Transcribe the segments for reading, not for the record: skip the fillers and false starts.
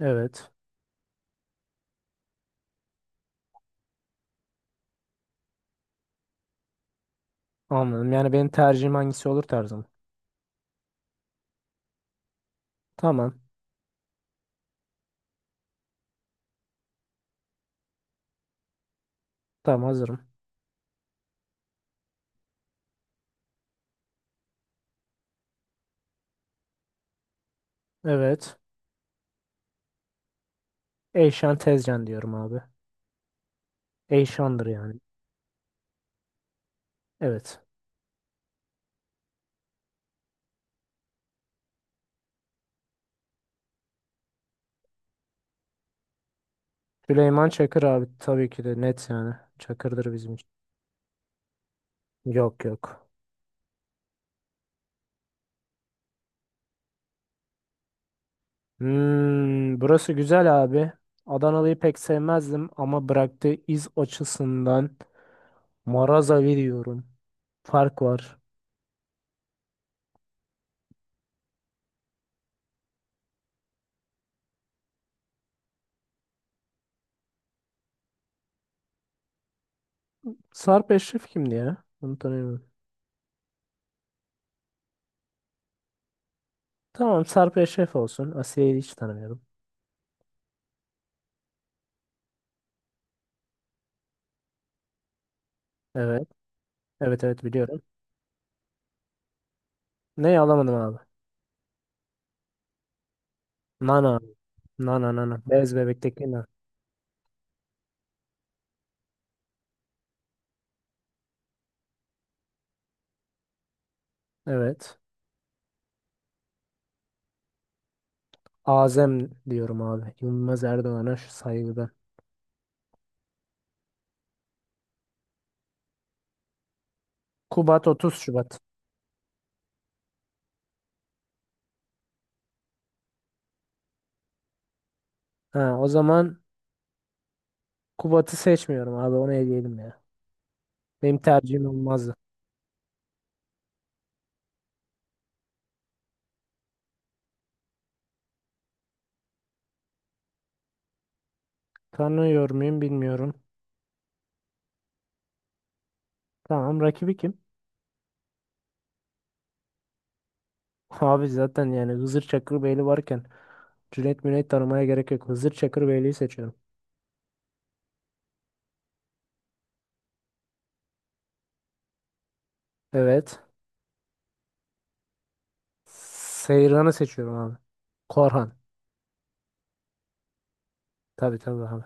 Evet. Anladım. Yani benim tercihim hangisi olur tarzım. Tamam. Tamam hazırım. Evet. Eyşan Tezcan diyorum abi. Eyşan'dır yani. Evet. Süleyman Çakır abi tabii ki de net yani. Çakır'dır bizim için. Yok yok. Hmm, burası güzel abi. Adanalı'yı pek sevmezdim ama bıraktığı iz açısından Marazavi diyorum. Fark var. Sarp Eşref kimdi ya? Bunu tanıyorum. Tamam Sarp Eşref olsun. Asiye'yi hiç tanımıyorum. Evet. Evet evet biliyorum. Ne alamadım abi? Nana. Nana nana. Bez bebekteki nana. Evet. Azem diyorum abi. Yılmaz Erdoğan'a şu saygıdan. Kubat 30 Şubat. Ha, o zaman Kubat'ı seçmiyorum abi. Onu eleyelim ya. Benim tercihim olmazdı. Tanıyor muyum bilmiyorum. Tamam rakibi kim? Abi zaten yani Hızır Çakırbeyli varken Cüneyt Müneyt tanımaya gerek yok. Hızır Çakırbeyli'yi seçiyorum. Evet. Seyran'ı seçiyorum abi. Korhan. Tabii tabii abi.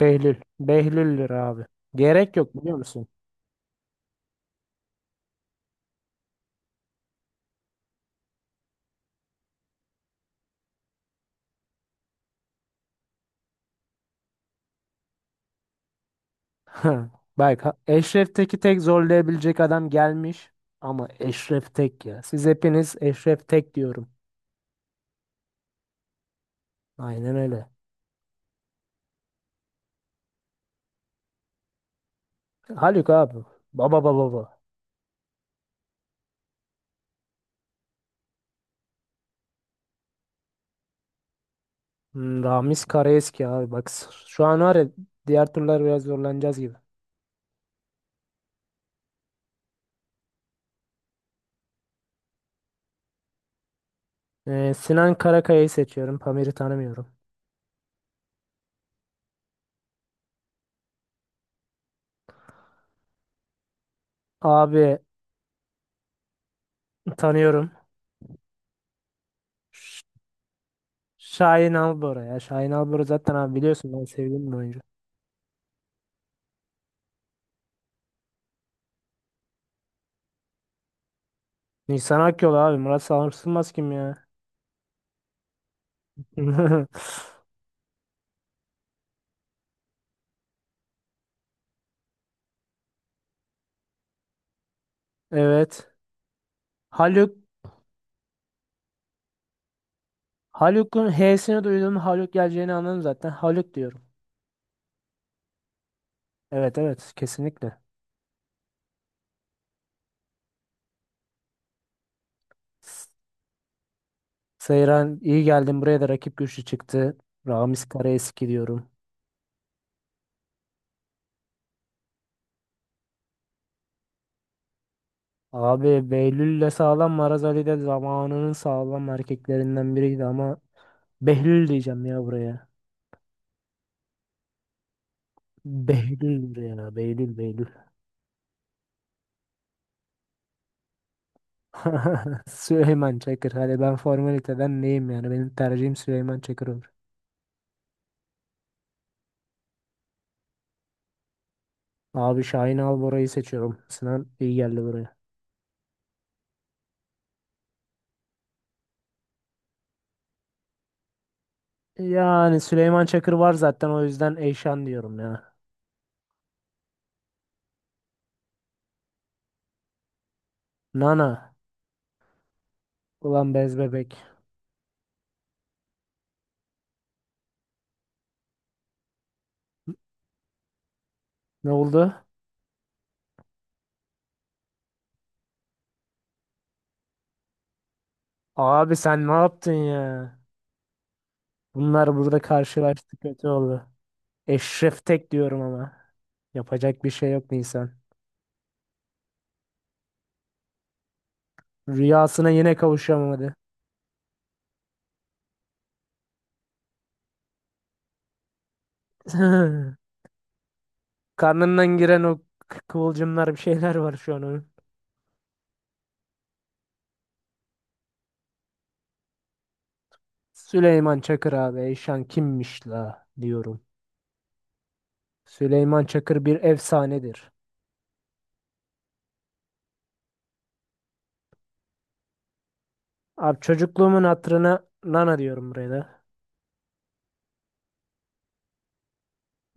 Behlül. Behlül'dür abi. Gerek yok biliyor musun? Bak Eşref Tek'i tek zorlayabilecek adam gelmiş. Ama Eşref Tek ya. Siz hepiniz Eşref Tek diyorum. Aynen öyle. Haluk abi. Baba baba baba. Hmm, Ramiz Karaeski abi. Bak şu an var ya diğer turlar biraz zorlanacağız gibi. Sinan Karakaya'yı seçiyorum. Pamir'i tanımıyorum. Abi tanıyorum. Ş- Şahin Albora ya. Şahin Albora zaten abi biliyorsun ben sevdiğim bir oyuncu. Nisan Akyol abi. Murat Sarsılmaz kim ya? Evet. Haluk. Haluk'un H'sini duydum. Haluk geleceğini anladım zaten. Haluk diyorum. Evet evet kesinlikle. Seyran iyi geldin buraya da rakip güçlü çıktı. Ramiz Karaeski diyorum. Abi Behlül'le sağlam Maraz Ali de zamanının sağlam erkeklerinden biriydi ama Behlül diyeceğim ya buraya. Behlül buraya. Behlül Behlül. Süleyman Çakır. Hadi ben formaliteden neyim yani? Benim tercihim Süleyman Çakır olur. Abi Şahin Albora'yı seçiyorum. Sinan iyi geldi buraya. Yani Süleyman Çakır var zaten o yüzden Eyşan diyorum ya. Nana. Ulan bez bebek. Ne oldu? Abi sen ne yaptın ya? Bunlar burada karşılaştı kötü oldu. Eşref Tek diyorum ama. Yapacak bir şey yok Nisan. Rüyasına yine kavuşamadı. Karnından giren o kıvılcımlar bir şeyler var şu an onun. Süleyman Çakır abi Eyşan kimmiş la diyorum. Süleyman Çakır bir efsanedir. Abi çocukluğumun hatırına nana diyorum buraya da.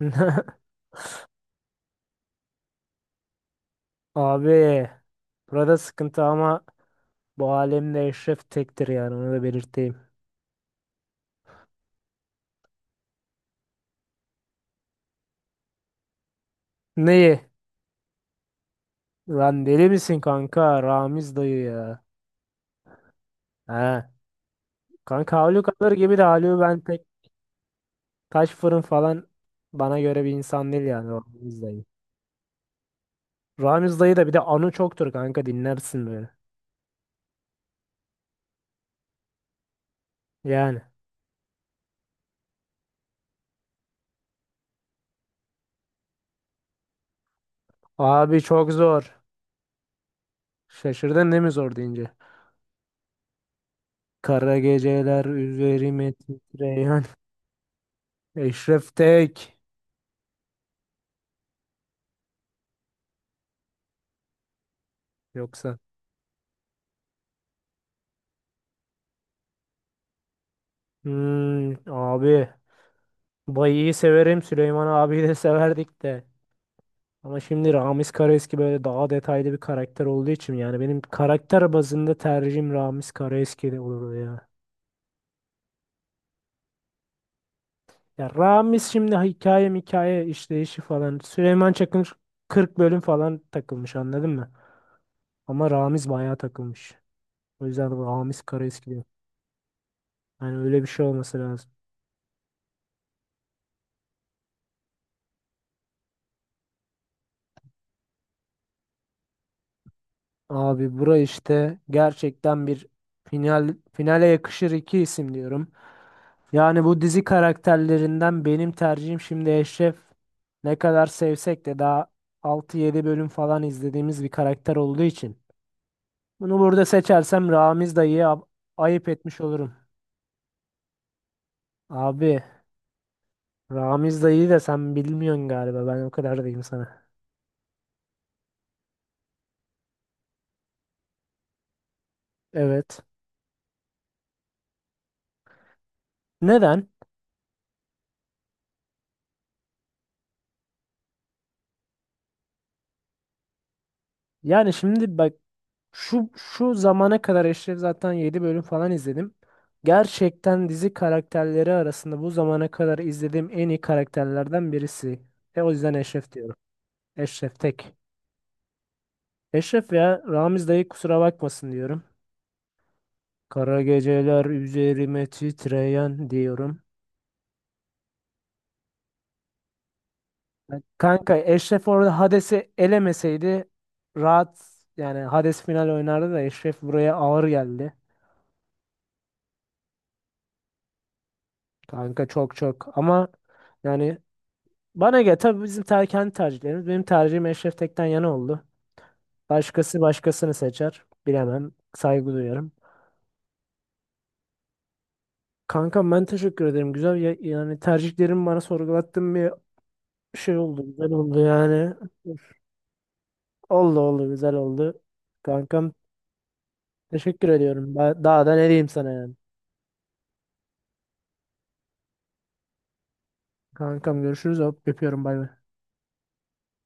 Abi burada sıkıntı ama bu alemde Eşref tektir yani onu da belirteyim. Neyi? Lan deli misin kanka? Ramiz dayı ya. He. Kanka Haluk alır gibi de Haluk'u ben pek taş fırın falan bana göre bir insan değil yani Ramiz dayı. Ramiz dayı da bir de anı çoktur kanka dinlersin böyle. Yani. Abi çok zor. Şaşırdın değil mi zor deyince? Kara geceler üzerime titreyen Eşref Tek. Yoksa. Hmm, abi. Bayı'yı severim. Süleyman abiyi de severdik de. Ama şimdi Ramiz Karaeski böyle daha detaylı bir karakter olduğu için yani benim karakter bazında tercihim Ramiz Karaeski de olurdu ya. Ya Ramiz şimdi hikaye hikaye işleyişi falan. Süleyman Çakır 40 bölüm falan takılmış anladın mı? Ama Ramiz bayağı takılmış. O yüzden bu Hamis Karaeski diyor. Yani öyle bir şey olması lazım. Abi bura işte gerçekten bir finale yakışır iki isim diyorum. Yani bu dizi karakterlerinden benim tercihim şimdi Eşref ne kadar sevsek de daha 6-7 bölüm falan izlediğimiz bir karakter olduğu için. Bunu burada seçersem Ramiz dayıya ayıp etmiş olurum. Abi Ramiz dayıyı da sen bilmiyorsun galiba ben o kadar diyeyim sana. Evet. Neden? Yani şimdi bak şu zamana kadar Eşref zaten 7 bölüm falan izledim. Gerçekten dizi karakterleri arasında bu zamana kadar izlediğim en iyi karakterlerden birisi. E o yüzden Eşref diyorum. Eşref tek. Eşref ya Ramiz dayı kusura bakmasın diyorum. Kara geceler üzerime titreyen diyorum. Kanka Eşref orada Hades'i elemeseydi rahat yani Hades final oynardı da Eşref buraya ağır geldi. Kanka çok çok ama yani bana göre tabii bizim kendi tercihlerimiz. Benim tercihim Eşref Tek'ten yana oldu. Başkası başkasını seçer. Bilemem. Saygı duyarım. Kanka ben teşekkür ederim. Güzel yani tercihlerim bana sorgulattığın bir şey oldu. Güzel oldu yani. Oldu oldu güzel oldu. Kankam teşekkür ediyorum. Daha da ne diyeyim sana yani. Kankam görüşürüz. Hop öpüyorum bay bay.